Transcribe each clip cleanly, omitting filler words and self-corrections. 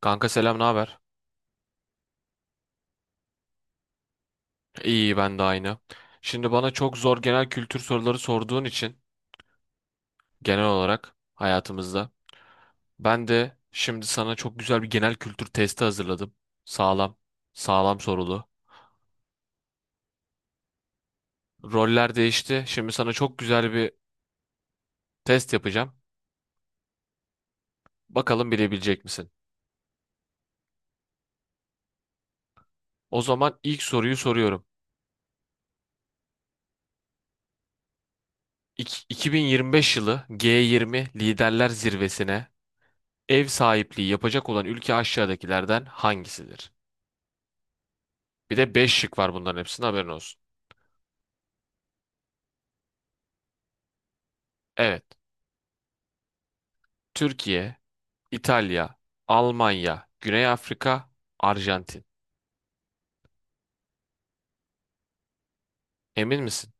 Kanka selam, ne haber? İyi ben de aynı. Şimdi bana çok zor genel kültür soruları sorduğun için genel olarak hayatımızda ben de şimdi sana çok güzel bir genel kültür testi hazırladım. Sağlam, sağlam sorulu. Roller değişti. Şimdi sana çok güzel bir test yapacağım. Bakalım bilebilecek misin? O zaman ilk soruyu soruyorum. 2025 yılı G20 Liderler Zirvesi'ne ev sahipliği yapacak olan ülke aşağıdakilerden hangisidir? Bir de 5 şık var bunların hepsinin haberin olsun. Evet. Türkiye, İtalya, Almanya, Güney Afrika, Arjantin. Emin misin?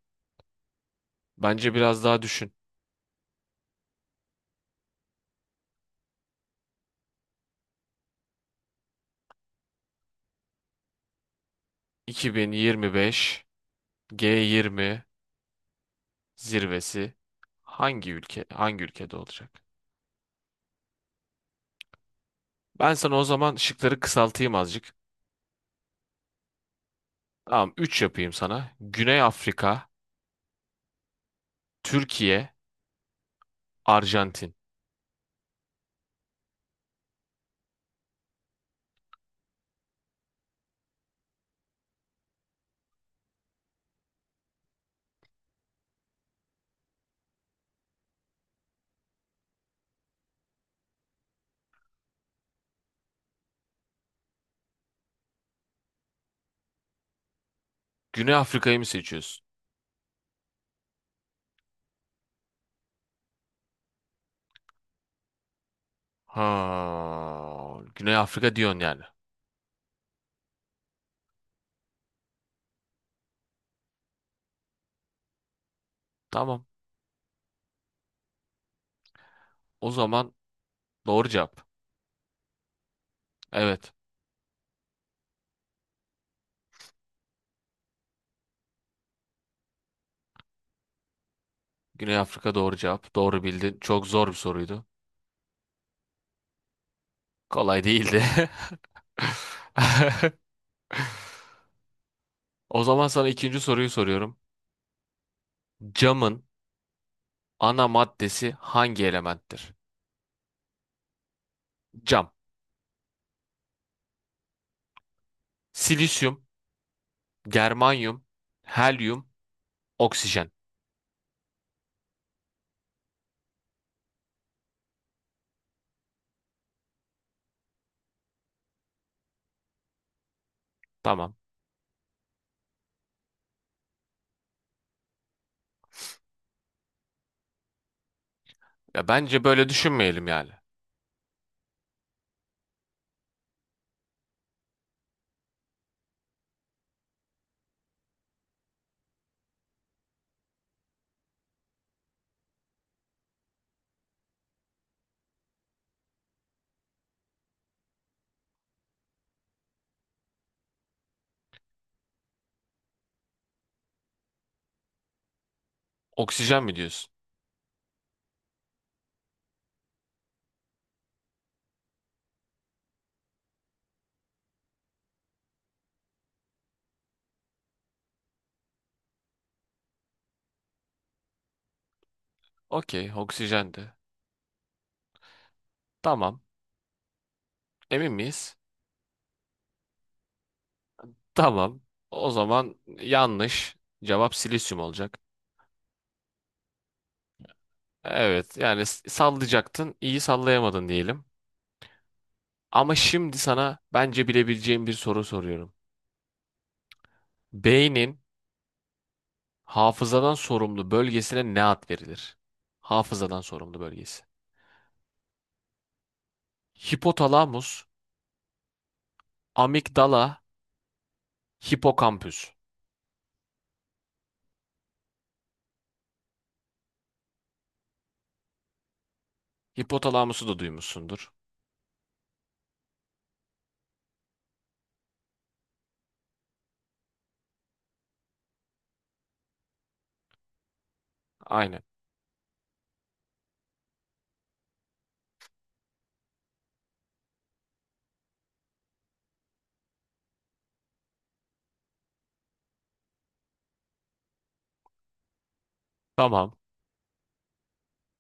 Bence biraz daha düşün. 2025 G20 zirvesi hangi ülke hangi ülkede olacak? Ben sana o zaman şıkları kısaltayım azıcık. Tamam, 3 yapayım sana. Güney Afrika, Türkiye, Arjantin. Güney Afrika'yı mı seçiyorsun? Ha, Güney Afrika diyorsun yani. Tamam. O zaman doğru cevap. Evet. Güney Afrika doğru cevap. Doğru bildin. Çok zor bir soruydu. Kolay değildi. O zaman sana ikinci soruyu soruyorum. Camın ana maddesi hangi elementtir? Cam. Silisyum, germanyum, helyum, oksijen. Tamam. Ya bence böyle düşünmeyelim yani. Oksijen mi diyorsun? Okey, oksijendi. Tamam. Emin miyiz? Tamam. O zaman yanlış. Cevap silisyum olacak. Evet, yani sallayacaktın, iyi sallayamadın diyelim. Ama şimdi sana bence bilebileceğim bir soru soruyorum. Beynin hafızadan sorumlu bölgesine ne ad verilir? Hafızadan sorumlu bölgesi. Hipotalamus, amigdala, hipokampüs. Hipotalamusu da duymuşsundur. Aynen. Tamam.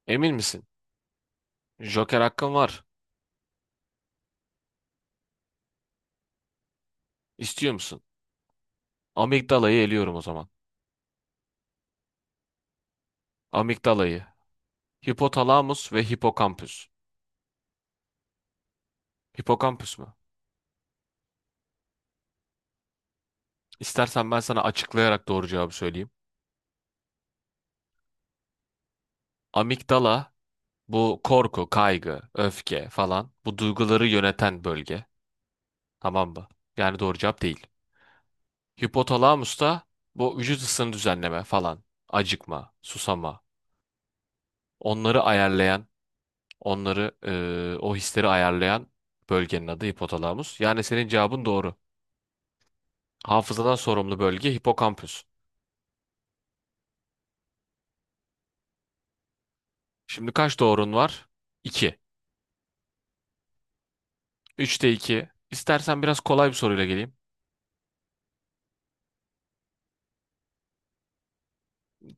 Emin misin? Joker hakkın var. İstiyor musun? Amigdalayı eliyorum o zaman. Amigdalayı, hipotalamus ve hipokampüs. Hipokampüs mü? İstersen ben sana açıklayarak doğru cevabı söyleyeyim. Amigdala, bu korku, kaygı, öfke falan, bu duyguları yöneten bölge. Tamam mı? Yani doğru cevap değil. Hipotalamus da bu vücut ısını düzenleme falan. Acıkma, susama. Onları ayarlayan, onları o hisleri ayarlayan bölgenin adı hipotalamus. Yani senin cevabın doğru. Hafızadan sorumlu bölge hipokampüs. Şimdi kaç doğrun var? 2. Üçte 2. İstersen biraz kolay bir soruyla geleyim.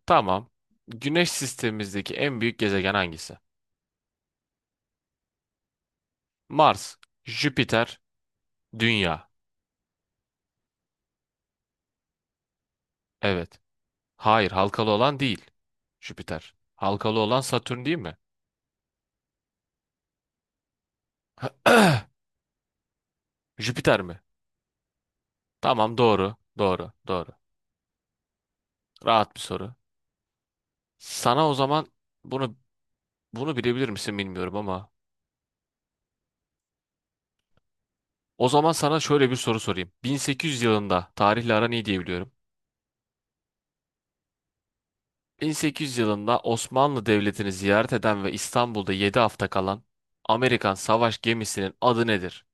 Tamam. Güneş sistemimizdeki en büyük gezegen hangisi? Mars, Jüpiter, Dünya. Evet. Hayır, halkalı olan değil. Jüpiter. Halkalı olan Satürn değil mi? Jüpiter mi? Tamam, doğru. Doğru, doğru. Rahat bir soru. Sana o zaman bunu bunu bilebilir misin bilmiyorum ama o zaman sana şöyle bir soru sorayım. 1800 yılında tarihle aran iyi diye biliyorum. 1800 yılında Osmanlı Devleti'ni ziyaret eden ve İstanbul'da 7 hafta kalan Amerikan savaş gemisinin adı nedir?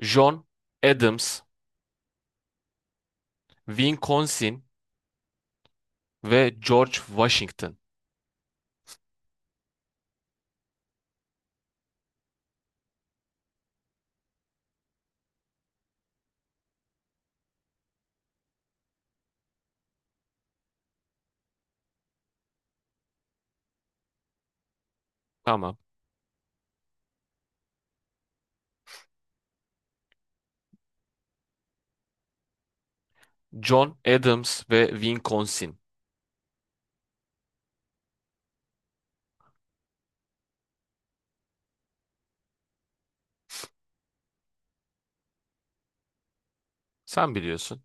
John Adams, Wisconsin, ve George Washington. Tamam. John Adams ve Wisconsin. Sen biliyorsun.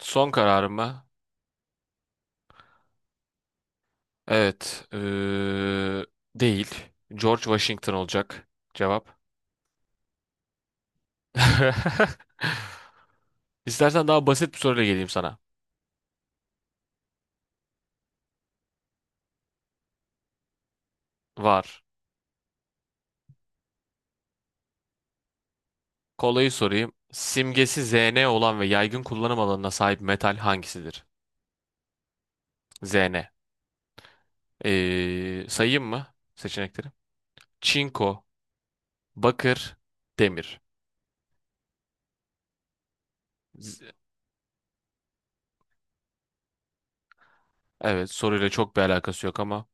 Son kararımı evet eee, değil. George Washington olacak cevap. İstersen daha basit bir soruyla geleyim sana. Var. Kolayı sorayım. Simgesi Zn olan ve yaygın kullanım alanına sahip metal hangisidir? Zn. Sayayım mı seçenekleri? Çinko, bakır, demir. Z- Evet, soruyla çok bir alakası yok ama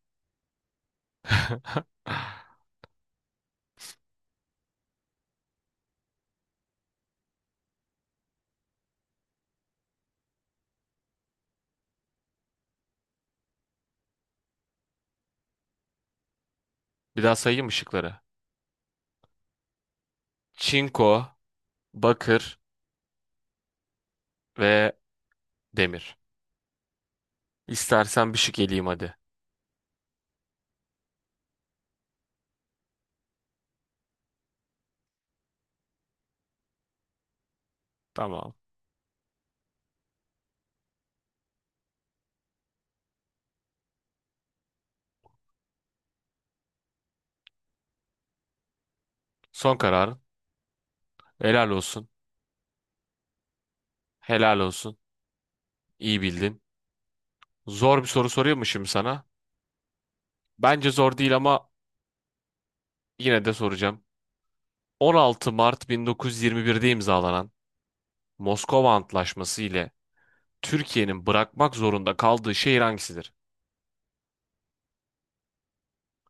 bir daha sayayım ışıkları. Çinko, bakır ve demir. İstersen bir şık eleyeyim hadi. Tamam. Son kararın. Helal olsun. Helal olsun. İyi bildin. Zor bir soru soruyor mu şimdi sana? Bence zor değil ama yine de soracağım. 16 Mart 1921'de imzalanan Moskova Antlaşması ile Türkiye'nin bırakmak zorunda kaldığı şehir hangisidir?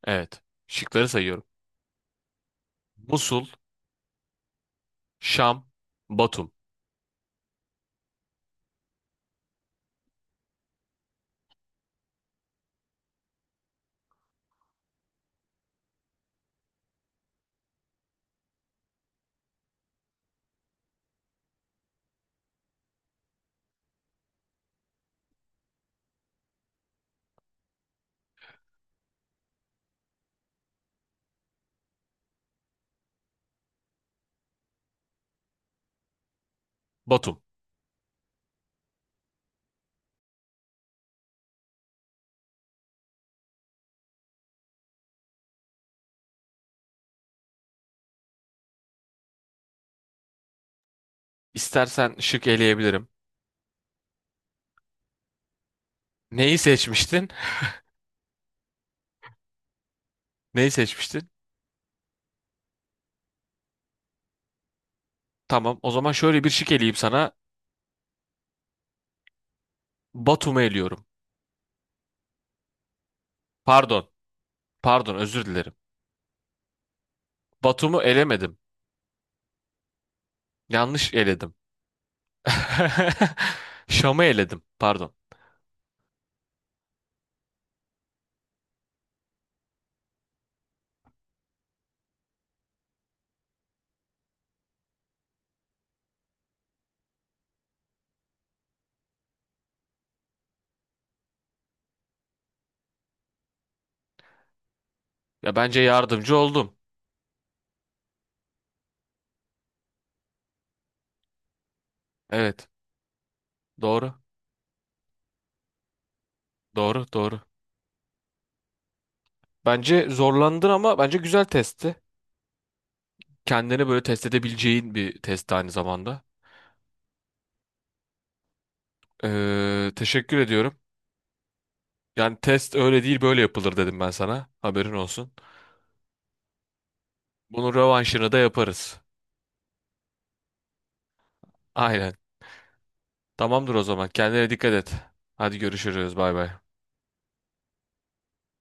Evet. Şıkları sayıyorum. Musul, Şam, Batum. Batum. İstersen şık eleyebilirim. Neyi seçmiştin? Neyi seçmiştin? Tamam, o zaman şöyle bir şık eleyeyim sana. Batum'u eliyorum. Pardon, pardon, özür dilerim. Batum'u elemedim. Yanlış eledim. Şam'ı eledim, pardon. Ya bence yardımcı oldum. Evet, doğru, doğru, doğru. Bence zorlandın ama bence güzel testti. Kendini böyle test edebileceğin bir test aynı zamanda. Teşekkür ediyorum. Yani test öyle değil böyle yapılır dedim ben sana. Haberin olsun. Bunun rövanşını da yaparız. Aynen. Tamamdır o zaman. Kendine dikkat et. Hadi görüşürüz. Bay bay.